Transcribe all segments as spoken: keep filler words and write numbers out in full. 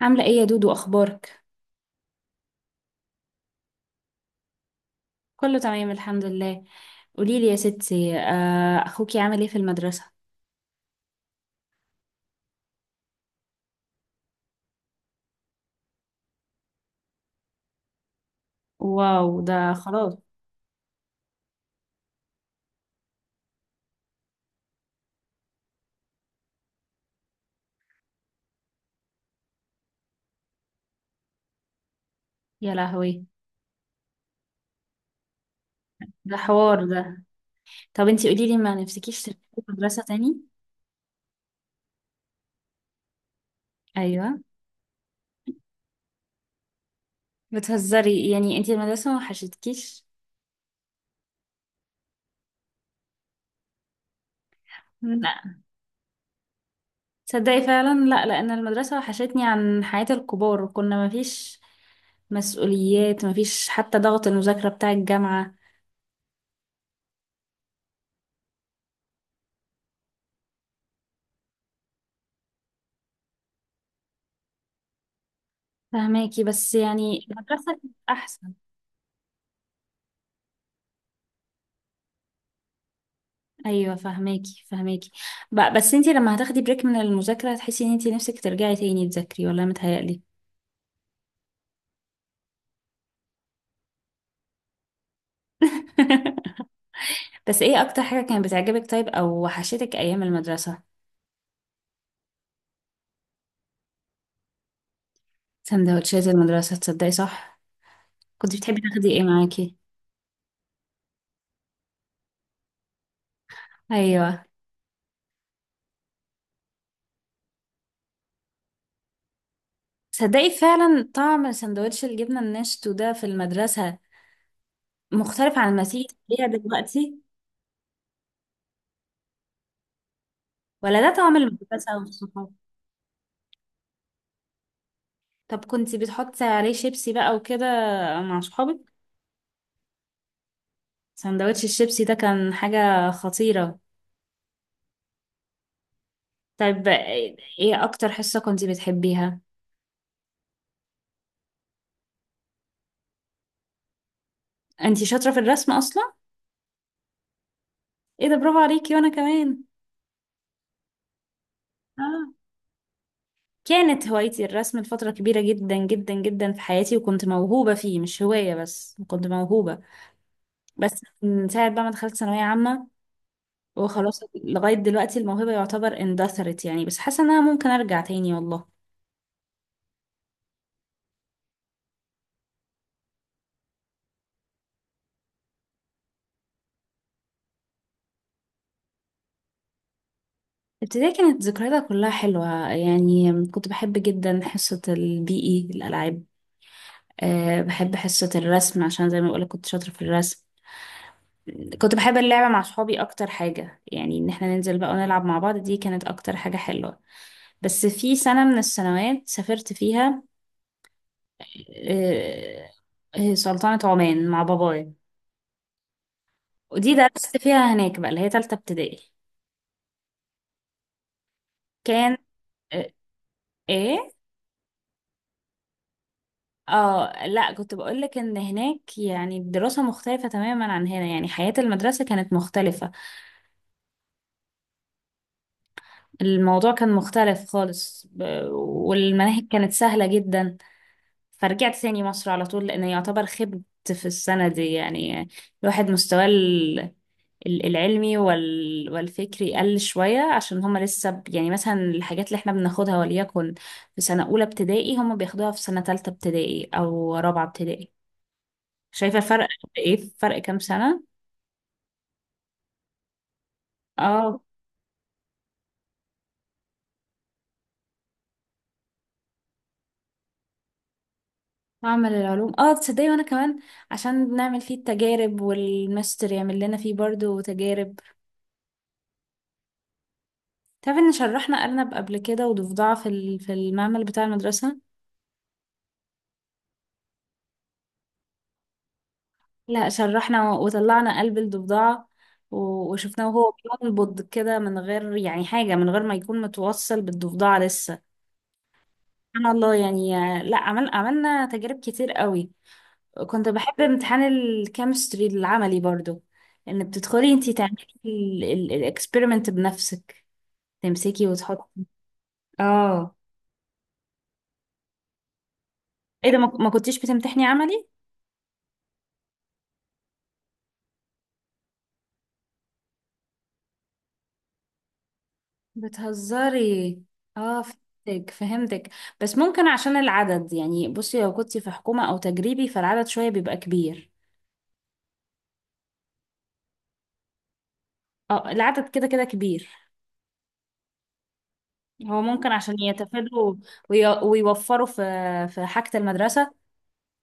عاملة ايه يا دودو، اخبارك؟ كله تمام الحمد لله. قوليلي يا ستي، آه، اخوكي عامل ايه في المدرسة؟ واو، ده خلاص. يا لهوي. ده حوار ده. طب انتي قوليلي، ما نفسكيش تدخلي مدرسة تاني؟ ايوه. بتهزري يعني؟ انتي المدرسة ما وحشتكيش؟ لا. تصدقي فعلا، لا، لان المدرسة وحشتني عن حياة الكبار، كنا مفيش مسؤوليات، مفيش حتى ضغط المذاكرة بتاع الجامعة. فهماكي؟ بس يعني المدرسة كانت احسن. ايوه، فهماكي فهماكي. ب- بس انتي لما هتاخدي بريك من المذاكره هتحسي ان انتي نفسك ترجعي تاني تذاكري، ولا متهيألي؟ بس ايه اكتر حاجه كانت بتعجبك، طيب، او وحشتك ايام المدرسه؟ سندوتشات المدرسه، تصدقي؟ صح. كنت بتحبي تاخدي ايه معاكي؟ ايوه. تصدقي فعلا طعم سندوتش الجبنه الناشف ده في المدرسه مختلف عن ما تيجي تاكليها دلوقتي. ولا ده طعم المدرسه والصحاب. طب كنتي بتحطي عليه شيبسي بقى وكده مع صحابك؟ سندوتش الشيبسي ده كان حاجة خطيرة. طيب ايه اكتر حصة كنتي بتحبيها؟ انتي شاطرة في الرسم اصلا. ايه ده، برافو عليكي، وانا كمان. اه، كانت هوايتي الرسم لفترة كبيرة جدا جدا جدا في حياتي، وكنت موهوبة فيه، مش هواية بس، كنت موهوبة. بس من ساعة بقى ما دخلت ثانوية عامة وخلاص، لغاية دلوقتي الموهبة يعتبر اندثرت يعني، بس حاسة انها ممكن ارجع تاني والله. ابتدائي كانت ذكرياتها كلها حلوة يعني. كنت بحب جدا حصة البي اي، الألعاب. أه، بحب حصة الرسم عشان زي ما بقولك كنت شاطرة في الرسم. كنت بحب اللعبة مع صحابي أكتر حاجة، يعني إن احنا ننزل بقى ونلعب مع بعض، دي كانت أكتر حاجة حلوة. بس في سنة من السنوات سافرت فيها. أه، آه، سلطنة عمان مع بابايا. ودي درست فيها هناك بقى، اللي هي تالتة ابتدائي. كان. أه. إيه؟ اه لا، كنت بقولك ان هناك يعني الدراسة مختلفة تماما عن هنا، يعني حياة المدرسة كانت مختلفة. الموضوع كان مختلف خالص، ب- والمناهج كانت سهلة جدا. فرجعت ثاني مصر على طول، لأن يعتبر خبت في السنة دي يعني. الواحد مستواه ال- ال- العلمي وال- والفكري قل شوية، عشان هما لسه، ب- يعني مثلا الحاجات اللي احنا بناخدها وليكن في سنة أولى ابتدائي، هما بياخدوها في سنة تالتة ابتدائي أو رابعة ابتدائي. شايفة الفرق قد إيه؟ فرق كام سنة؟ اه. معمل العلوم، اه تصدقي وانا كمان. عشان نعمل فيه التجارب، والماستر يعمل لنا فيه برضو تجارب. تعرفي ان شرحنا ارنب قبل كده وضفدعة في ال- في المعمل بتاع المدرسة. لا، شرحنا و- وطلعنا قلب الضفدعة، و- وشفناه وهو بينبض كده من غير يعني حاجة، من غير ما يكون متوصل بالضفدعة لسه. سبحان الله يعني. لا، عمل عملنا تجارب كتير قوي. كنت بحب امتحان الكيمستري العملي برضو. ان بتدخلي انتي تعملي الاكسبيرمنت بنفسك، تمسكي وتحطي. اه. ايه ده، ما ما كنتيش بتمتحني عملي؟ بتهزري. اه، فهمتك فهمتك. بس ممكن عشان العدد. يعني بصي، لو كنتي في حكومة او تجريبي فالعدد شوية بيبقى كبير. اه، العدد كده كده كبير. هو ممكن عشان يتفادوا وي- ويوفروا في في حاجة المدرسة.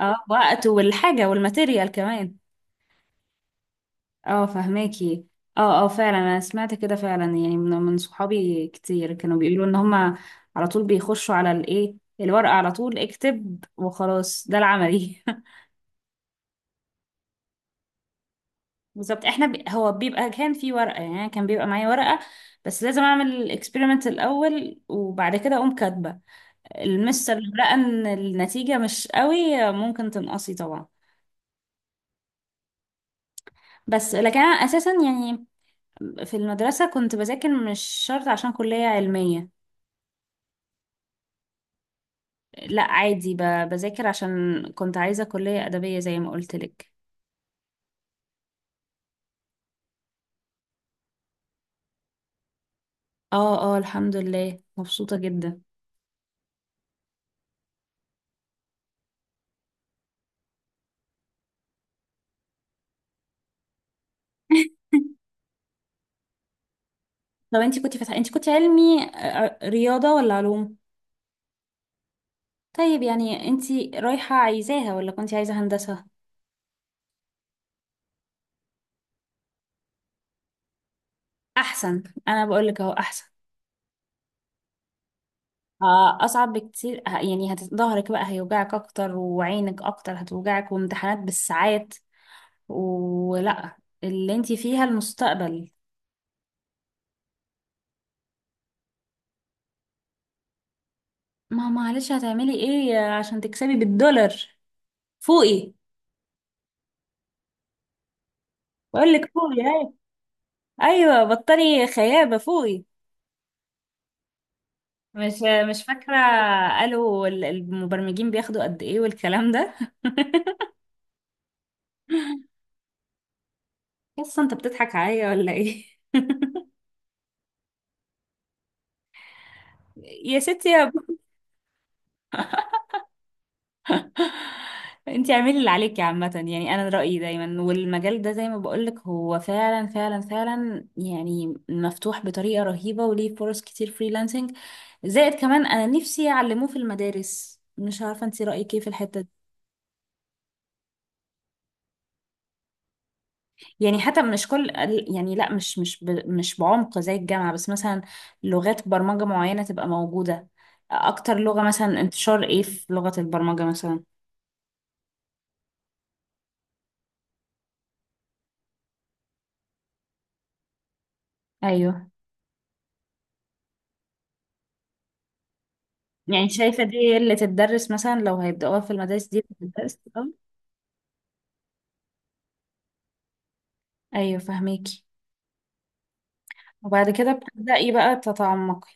اه، وقت والحاجة والماتيريال كمان. اه، فهماكي. اه اه، فعلا انا سمعت كده فعلا، يعني من من صحابي كتير كانوا بيقولوا ان هما على طول بيخشوا على الايه الورقة، على طول اكتب وخلاص ده العملي. بالظبط، احنا ب... هو بيبقى كان في ورقة يعني، كان بيبقى معايا ورقة، بس لازم اعمل الاكسبيرمنت الاول وبعد كده اقوم كاتبة. المستر لو لقى ان النتيجة مش قوي ممكن تنقصي طبعا. بس لكن انا اساسا يعني، في المدرسة كنت بذاكر مش شرط عشان كلية علمية. لا، عادي، ب- بذاكر عشان كنت عايزة كلية أدبية زي ما قلت لك. اه اه، الحمد لله مبسوطة جدا. طب انتي كنتي فاتحة، انتي كنتي علمي آه، رياضة ولا علوم؟ طيب، يعني انتي رايحة عايزاها، ولا كنتي عايزة هندسة؟ احسن. انا بقول لك اهو احسن. آه، اصعب بكتير، ه- يعني هت- ظهرك بقى هيوجعك اكتر، وعينك اكتر هتوجعك، وامتحانات بالساعات، ولا اللي انتي فيها المستقبل. ما معلش، هتعملي ايه عشان تكسبي بالدولار؟ فوقي. بقول لك فوقي، ايوه. ايوه، بطلي خيابه، فوقي. مش مش فاكره، قالوا ال- المبرمجين بياخدوا قد ايه والكلام ده. قصه، انت بتضحك عليا ولا ايه؟ يا ستي، يا ب... انت اعملي اللي عليكي عامه. يعني انا رايي دايما، والمجال ده زي ما بقول لك هو فعلا فعلا فعلا يعني مفتوح بطريقه رهيبه، وليه فرص كتير، فريلانسنج. زائد كمان انا نفسي يعلموه في المدارس. مش عارفه، انت رايك ايه في الحته دي؟ يعني حتى مش كل ال- يعني لا، مش مش ب- مش بعمق زي الجامعة بس، مثلا لغات برمجة معينة تبقى موجودة. أكتر لغة مثلا انتشار إيه في لغة البرمجة مثلا؟ أيوه. يعني شايفة دي اللي تتدرس مثلا لو هيبدأوها في المدارس، دي بتتدرس الأول؟ أيوه فهميكي. وبعد كده بتبدأي بقى تتعمقي.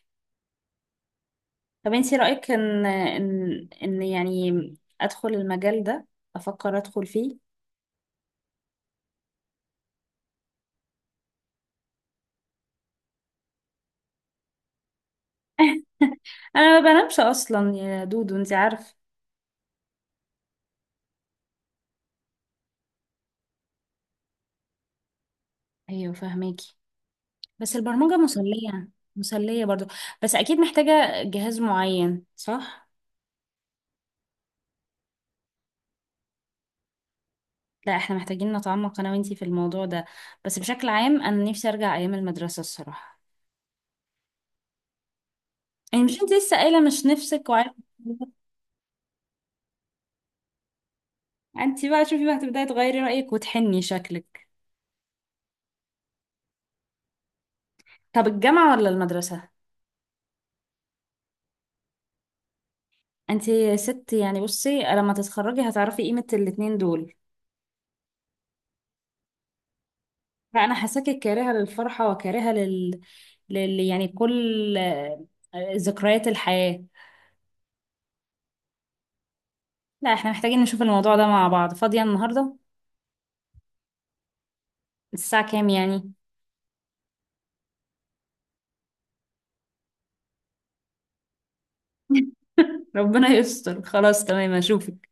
طب انتي رأيك إن إن إن يعني أدخل المجال ده، أفكر أدخل فيه؟ أنا ما بنامش أصلا يا دودو، انتي عارفة. أيوه فهميكي. بس البرمجة مسلية، مسلية برضو. بس أكيد محتاجة جهاز معين، صح؟ لا، احنا محتاجين نتعمق أنا وإنتي في الموضوع ده. بس بشكل عام أنا نفسي أرجع أيام المدرسة الصراحة. يعني مش انتي لسه قايلة مش نفسك، وعارفة. انتي بقى شوفي بقى، هتبدأي تغيري رأيك وتحني شكلك. طب الجامعة ولا المدرسة؟ انتي ست يعني، بصي لما تتخرجي هتعرفي قيمة الاتنين دول. لا، أنا حاساكي كارهة للفرحة وكارهة لل... لل... يعني كل آه، ذكريات الحياة. لا، احنا محتاجين نشوف الموضوع ده مع بعض. فاضية النهاردة؟ الساعة كام يعني؟ ربنا يستر. خلاص تمام، اشوفك.